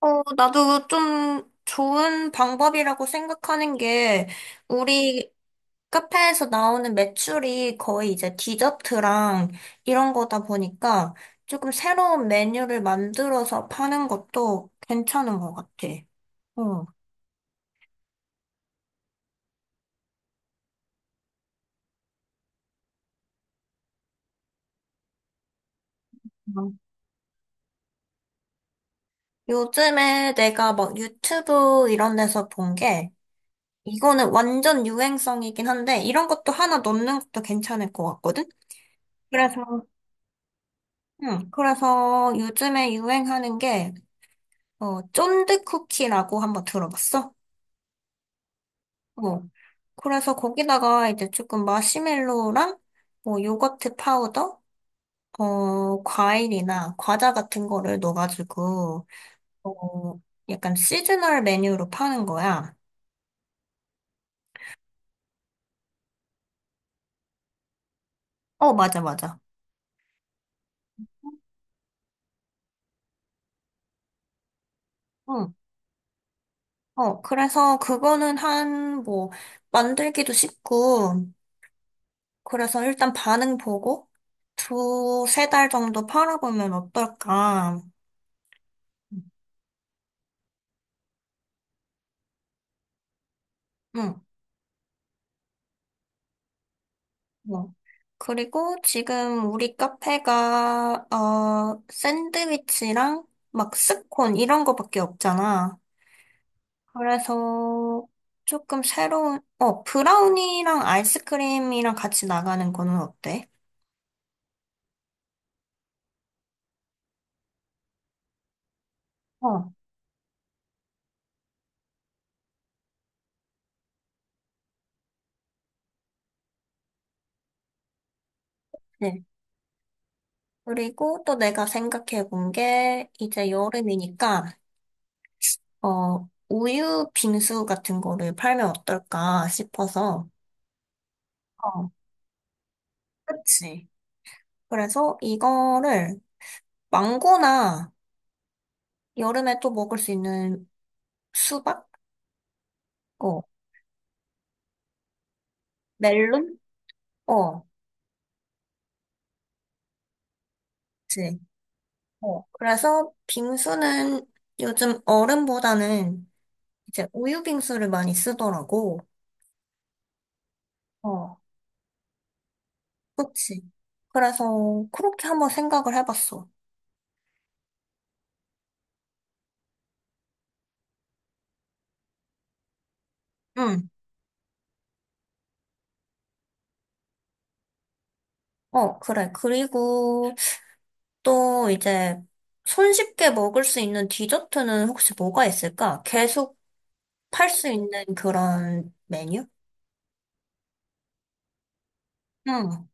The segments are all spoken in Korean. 나도 좀 좋은 방법이라고 생각하는 게, 우리 카페에서 나오는 매출이 거의 이제 디저트랑 이런 거다 보니까 조금 새로운 메뉴를 만들어서 파는 것도 괜찮은 것 같아. 어. 요즘에 내가 막 유튜브 이런 데서 본 게, 이거는 완전 유행성이긴 한데, 이런 것도 하나 넣는 것도 괜찮을 것 같거든? 그래서, 응, 그래서 요즘에 유행하는 게, 쫀득쿠키라고 한번 들어봤어? 어. 그래서 거기다가 이제 조금 마시멜로랑 뭐 요거트 파우더, 과일이나 과자 같은 거를 넣어가지고, 어, 약간 시즈널 메뉴로 파는 거야. 어, 맞아, 맞아. 응. 그래서 그거는 한, 뭐, 만들기도 쉽고, 그래서 일단 반응 보고, 2, 3달 정도 팔아보면 어떨까. 응. 어. 그리고 지금 우리 카페가, 샌드위치랑 막 스콘 이런 거밖에 없잖아. 그래서 조금 새로운, 브라우니랑 아이스크림이랑 같이 나가는 거는 어때? 어, 네. 그리고 또 내가 생각해 본 게, 이제 여름이니까, 우유 빙수 같은 거를 팔면 어떨까 싶어서. 어, 그치. 그래서 이거를 망고나 여름에 또 먹을 수 있는 수박? 어. 멜론? 어. 그치. 어. 그래서 빙수는 요즘 얼음보다는 이제 우유 빙수를 많이 쓰더라고. 어. 그치. 그래서 그렇게 한번 생각을 해봤어. 응. 어, 그래. 그리고 또 이제 손쉽게 먹을 수 있는 디저트는 혹시 뭐가 있을까? 계속 팔 수 있는 그런 메뉴? 응.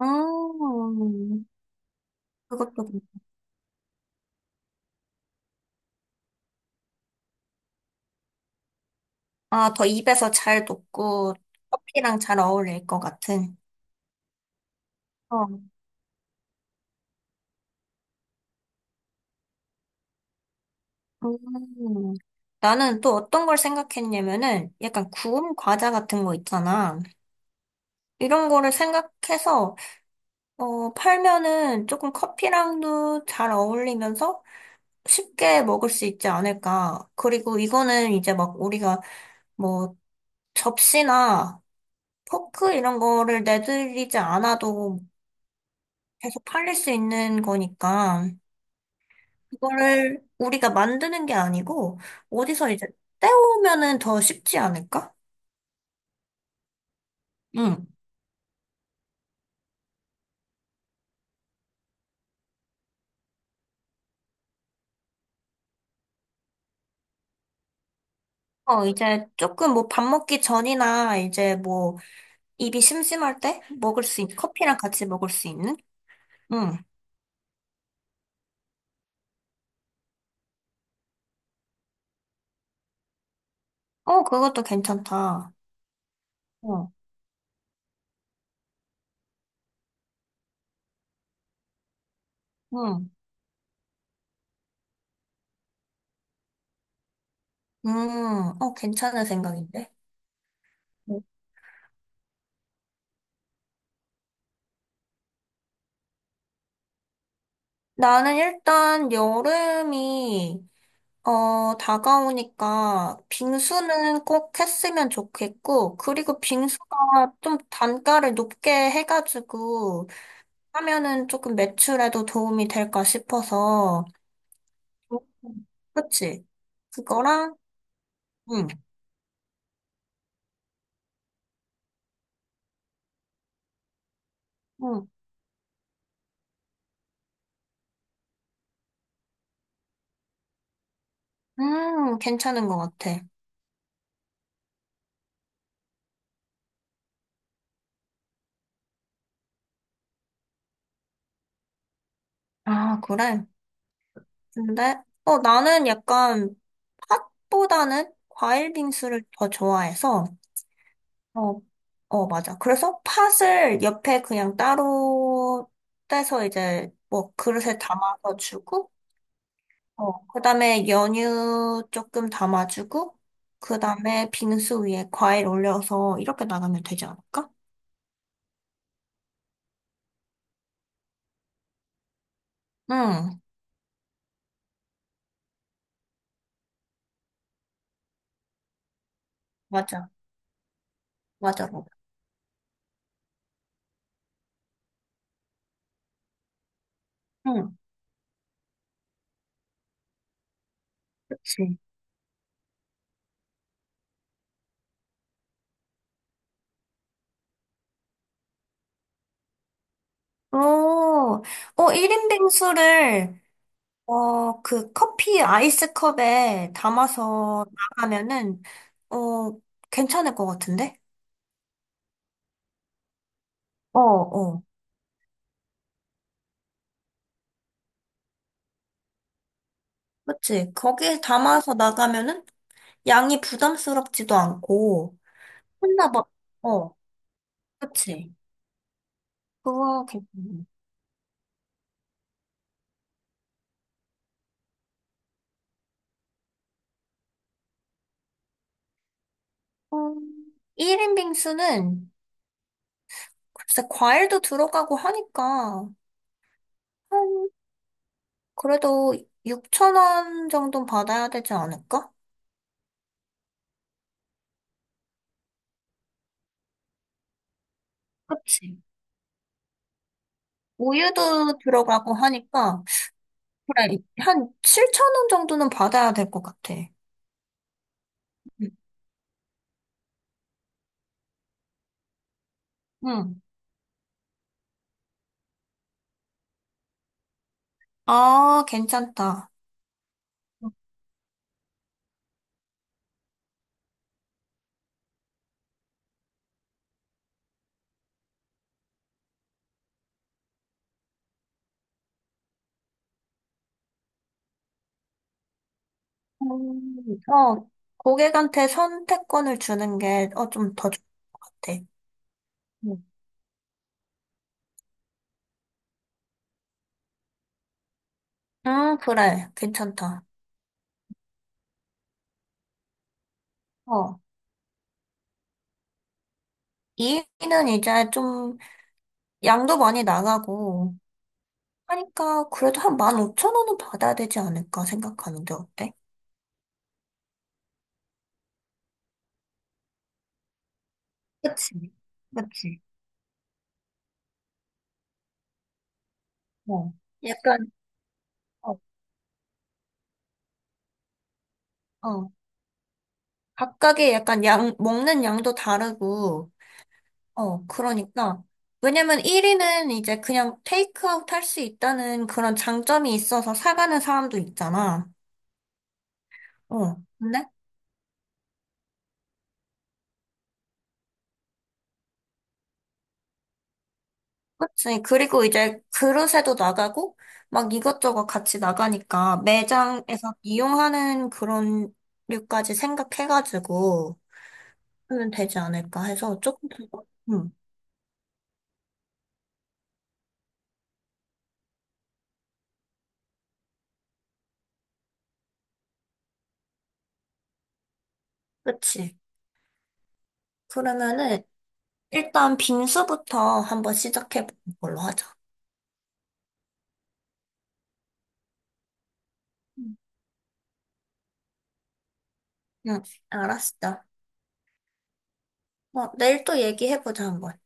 음. 그것도 아, 더 입에서 잘 녹고 커피랑 잘 어울릴 것 같은. 어. 음. 나는 또 어떤 걸 생각했냐면은 약간 구운 과자 같은 거 있잖아. 이런 거를 생각해서 팔면은 조금 커피랑도 잘 어울리면서 쉽게 먹을 수 있지 않을까. 그리고 이거는 이제 막 우리가 뭐 접시나 포크 이런 거를 내들이지 않아도 계속 팔릴 수 있는 거니까. 그거를 우리가 만드는 게 아니고 어디서 이제 때우면은 더 쉽지 않을까? 응. 이제 조금 뭐 밥 먹기 전이나 이제 뭐 입이 심심할 때 먹을 수 있는 커피랑 같이 먹을 수 있는? 응. 어, 그것도 괜찮다. 어, 응. 괜찮은 생각인데. 응. 나는 일단 여름이 다가오니까 빙수는 꼭 했으면 좋겠고, 그리고 빙수가 좀 단가를 높게 해가지고 하면은 조금 매출에도 도움이 될까 싶어서. 음, 그치? 그거랑, 응, 응, 괜찮은 것 같아. 아, 그래? 근데, 나는 약간 팥보다는 과일 빙수를 더 좋아해서, 어, 어, 맞아. 그래서 팥을 옆에 그냥 따로 떼서 이제 뭐 그릇에 담아서 주고, 그다음에 연유 조금 담아주고, 그다음에 빙수 위에 과일 올려서 이렇게 나가면 되지 않을까? 응, 맞아. 맞아, 맞아. 응, 그치. 오, 일인 빙수를, 그 커피 아이스컵에 담아서 나가면은, 어, 괜찮을 것 같은데? 어, 어. 그치? 거기에 담아서 나가면은 양이 부담스럽지도 않고, 혼나 막, 어, 그치? 그거 괜찮네. 음, 1인 빙수는, 글쎄, 과일도 들어가고 하니까, 한, 그래도 6천원 정도 는 받아야 되지 않을까? 그치? 우유도 들어가고 하니까, 그래, 한7천원 정도는 받아야 될 것 같아. 응. 응. 아, 괜찮다. 음, 어, 고객한테 선택권을 주는 게, 좀 더 좋을 것 같아. 음, 그래. 괜찮다. 어, 이는 이제 좀 양도 많이 나가고 하니까 그래도 한 15,000원은 받아야 되지 않을까 생각하는데 어때? 그치, 그치. 어, 약간, 어, 어. 각각의 약간 양, 먹는 양도 다르고, 어, 그러니까. 왜냐면 1위는 이제 그냥 테이크아웃 할 수 있다는 그런 장점이 있어서 사가는 사람도 있잖아. 어, 근데? 그치. 그리고 이제 그릇에도 나가고, 막 이것저것 같이 나가니까 매장에서 이용하는 그런 류까지 생각해가지고 하면 되지 않을까 해서 조금 더, 응, 그치. 그러면은 일단 빙수부터 한번 시작해보는 걸로 하자. 음. 응, 응, 알았어. 어, 내일 또 얘기해보자, 한번.